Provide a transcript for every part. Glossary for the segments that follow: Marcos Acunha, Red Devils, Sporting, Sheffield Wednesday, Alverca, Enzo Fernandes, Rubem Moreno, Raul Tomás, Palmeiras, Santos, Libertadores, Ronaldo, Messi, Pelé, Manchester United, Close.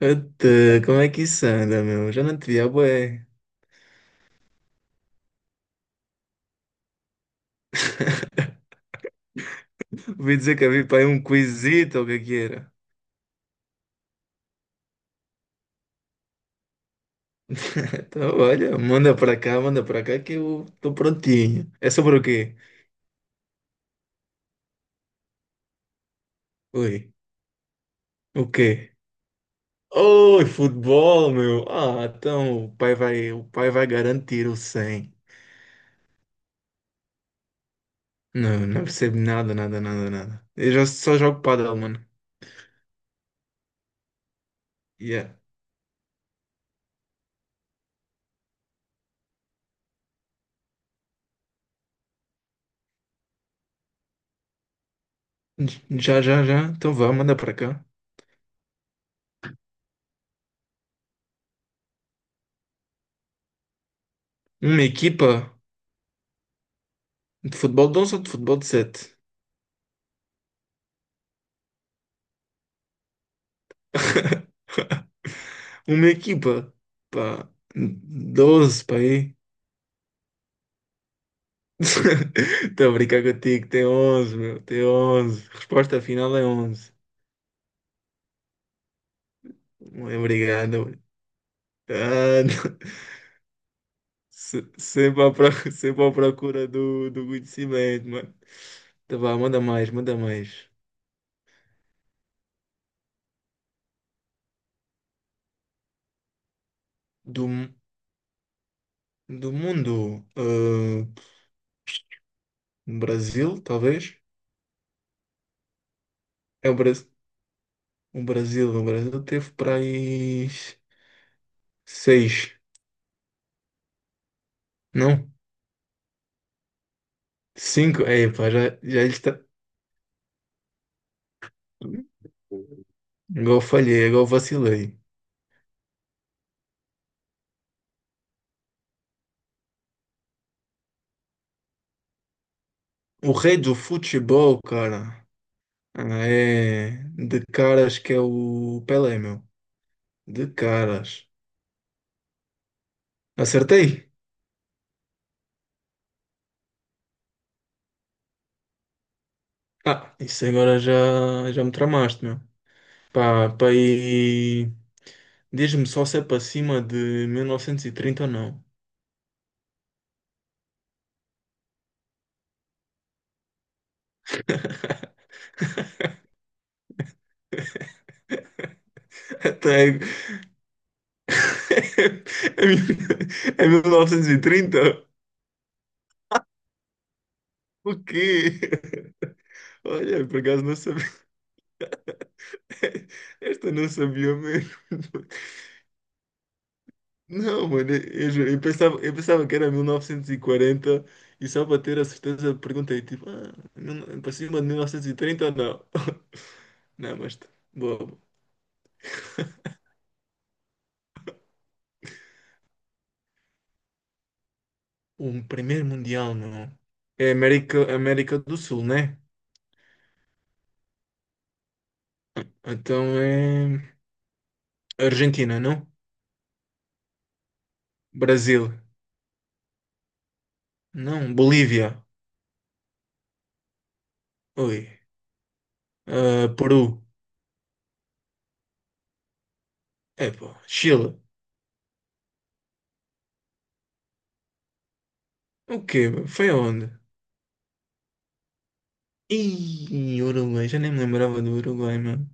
Até, como é que isso anda, meu? Já não te vi há bué. Ouvi dizer que havia para aí um quizito ou o que é que era. Então, olha, manda para cá que eu estou prontinho. É sobre o quê? Oi, o quê? Oi, futebol, meu. Ah, então o pai vai garantir o 100. Não, não percebo nada, nada, nada, nada. Eu já só jogo padel, mano. Yeah. Já, já, já. Então vá, manda para cá. Uma equipa de futebol de 11 ou de futebol de 7? Uma equipa, pá, 12 para aí. Estou a brincar contigo, tem 11, meu, tem 11. Resposta final é 11. Muito obrigado. Ah, não. Sempre à procura do conhecimento, mano. Tá bom, manda mais, manda mais. Do, do mundo, Brasil, talvez? É o Brasil. O Brasil teve para aí seis, não? Cinco? Aí, pá, já, já está. Igual falhei, igual vacilei. O rei do futebol, cara, é de caras que é o Pelé, meu. De caras. Acertei? Ah, isso agora já me tramaste, meu. Pá, e diz-me só se é para cima de 1930 ou não. Até. É 1930? O quê? Olha, por acaso não. Esta não sabia mesmo. Não, mano, eu juro, eu pensava que era 1940 e 40 e só para ter a certeza perguntei, tipo, ah, para cima de 1930 ou não? Não, mas tá bobo. Um primeiro mundial, não. É América, América do Sul, né? Então é Argentina, não? Brasil, não? Bolívia, oi. Ah, Peru, é pá, Chile. O quê, meu? Foi aonde? E Uruguai, já nem me lembrava do Uruguai, mano.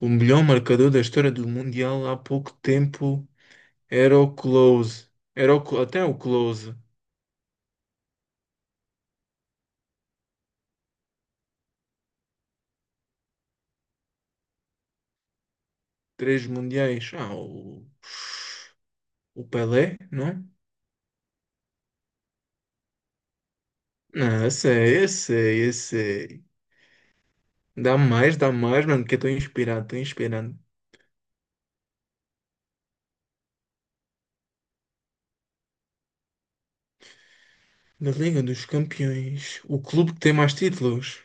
O melhor marcador da história do Mundial há pouco tempo era o Close. Até o Close. Três mundiais. Ah, o Pelé, não? Não, eu sei, eu sei, eu sei. Dá mais, mano, porque eu estou inspirado, estou inspirado. Na Liga dos Campeões, o clube que tem mais títulos.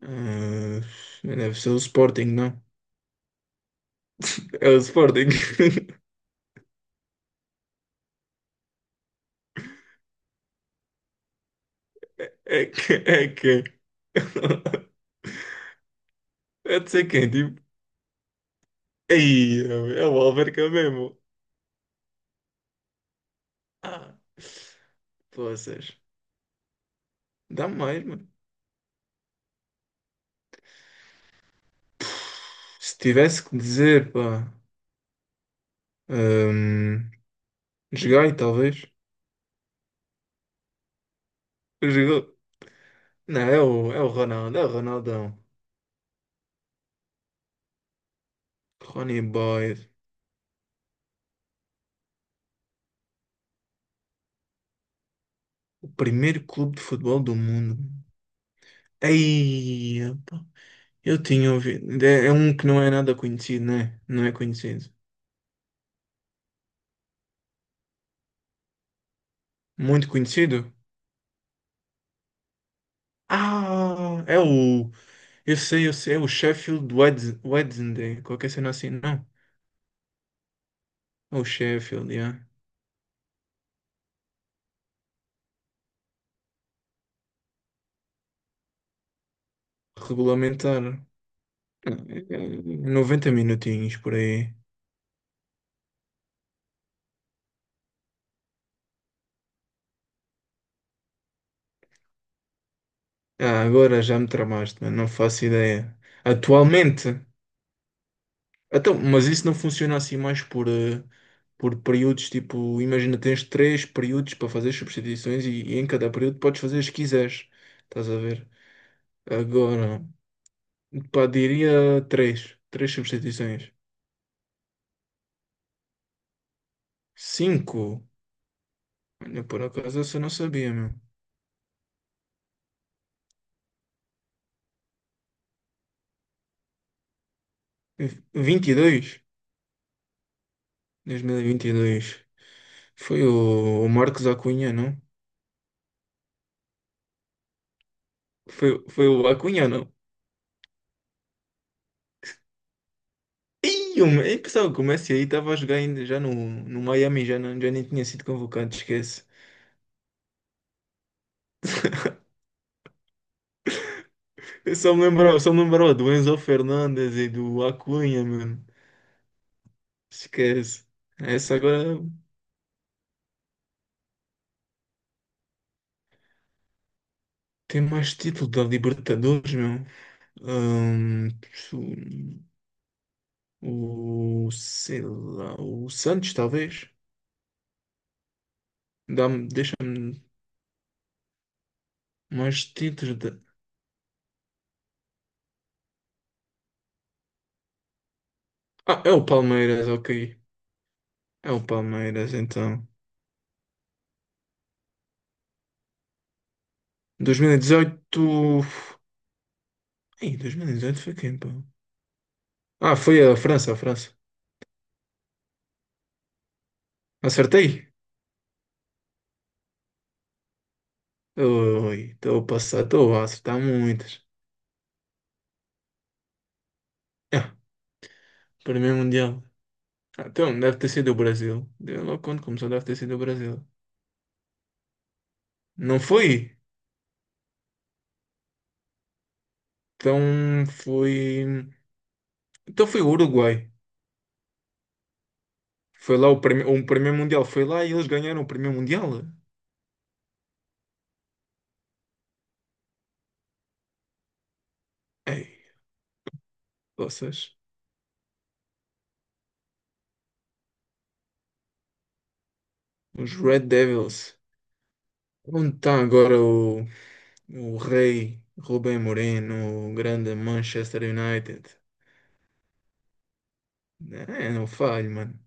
Ah, deve ser o Sporting, não? É o Sporting. É que. É de ser quem? Tipo, aí, é o Alverca mesmo. Ah, poças. Dá mais, mano. Se tivesse que dizer, pá. hum, Joguei, talvez. Jogou. Não, é o Ronaldo, é o Ronaldão. Ronnie Boy, o primeiro clube de futebol do mundo. Aí, pá. Eu tinha ouvido. É um que não é nada conhecido, né? Não é conhecido. Muito conhecido? Ah, é o eu sei, eu sei, é o Sheffield Wednesday, qualquer cena assim, não. É o Sheffield, yeah. Regulamentar. Ah, é 90 minutinhos por aí. Ah, agora já me tramaste, mano, não faço ideia. Atualmente? Então, mas isso não funciona assim mais por períodos, tipo, imagina, tens três períodos para fazer substituições e em cada período podes fazer as que quiseres. Estás a ver? Agora, pá, diria três. Três substituições. Cinco? Olha, por acaso essa eu não sabia, meu. 22? 2022. Foi o Marcos Acunha, não? Foi o Acunha, não? Ih, eu pensava que o Messi aí estava a jogar ainda já no Miami, já, não, já nem tinha sido convocado, esquece. Eu só me lembrava do Enzo Fernandes e do Acunha, mano. Esquece. Essa agora tem mais título da Libertadores, meu. Ahn, Sei lá, o Santos, talvez. Deixa-me mais títulos de... Ah, é o Palmeiras, ok. É o Palmeiras, então. 2018. Ei, 2018 foi quem, pô? Ah, foi a França, a França. Acertei? Oi, estou a passar, estou a acertar muitas. Ah, primeiro Mundial. Ah, então, deve ter sido o Brasil. Deu logo quando começou, deve ter sido o Brasil. Não foi? Então foi. Então foi o Uruguai. Foi lá o primeiro Mundial. Foi lá e eles ganharam o primeiro Mundial. Ei, vocês. Os Red Devils. Onde está agora o rei Rubem Moreno, o grande Manchester United? É, não falho, mano.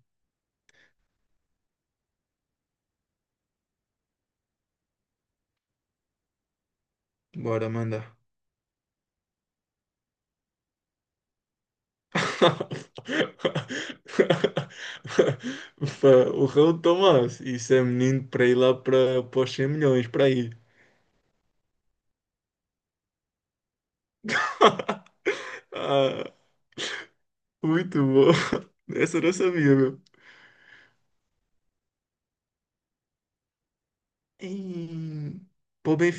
Bora mandar. Pá, O Raul Tomás. Isso é menino para ir lá para os 100 milhões, para ir. Ah, muito bom. Essa eu não sabia, meu. Ei, pô, bem...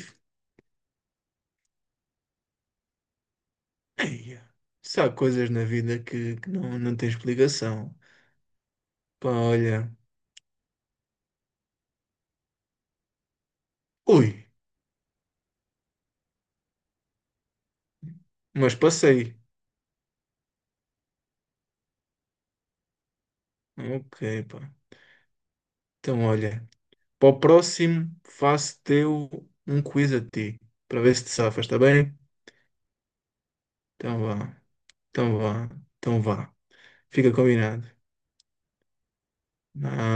Ei, se há coisas na vida que não tem explicação. Pá, olha. Ui, mas passei. Ok, pá. Então, olha. Para o próximo, faço-te eu um quiz a ti. Para ver se te safas, está bem? Então vá. Então vá. Então vá. Fica combinado.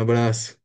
Abraço.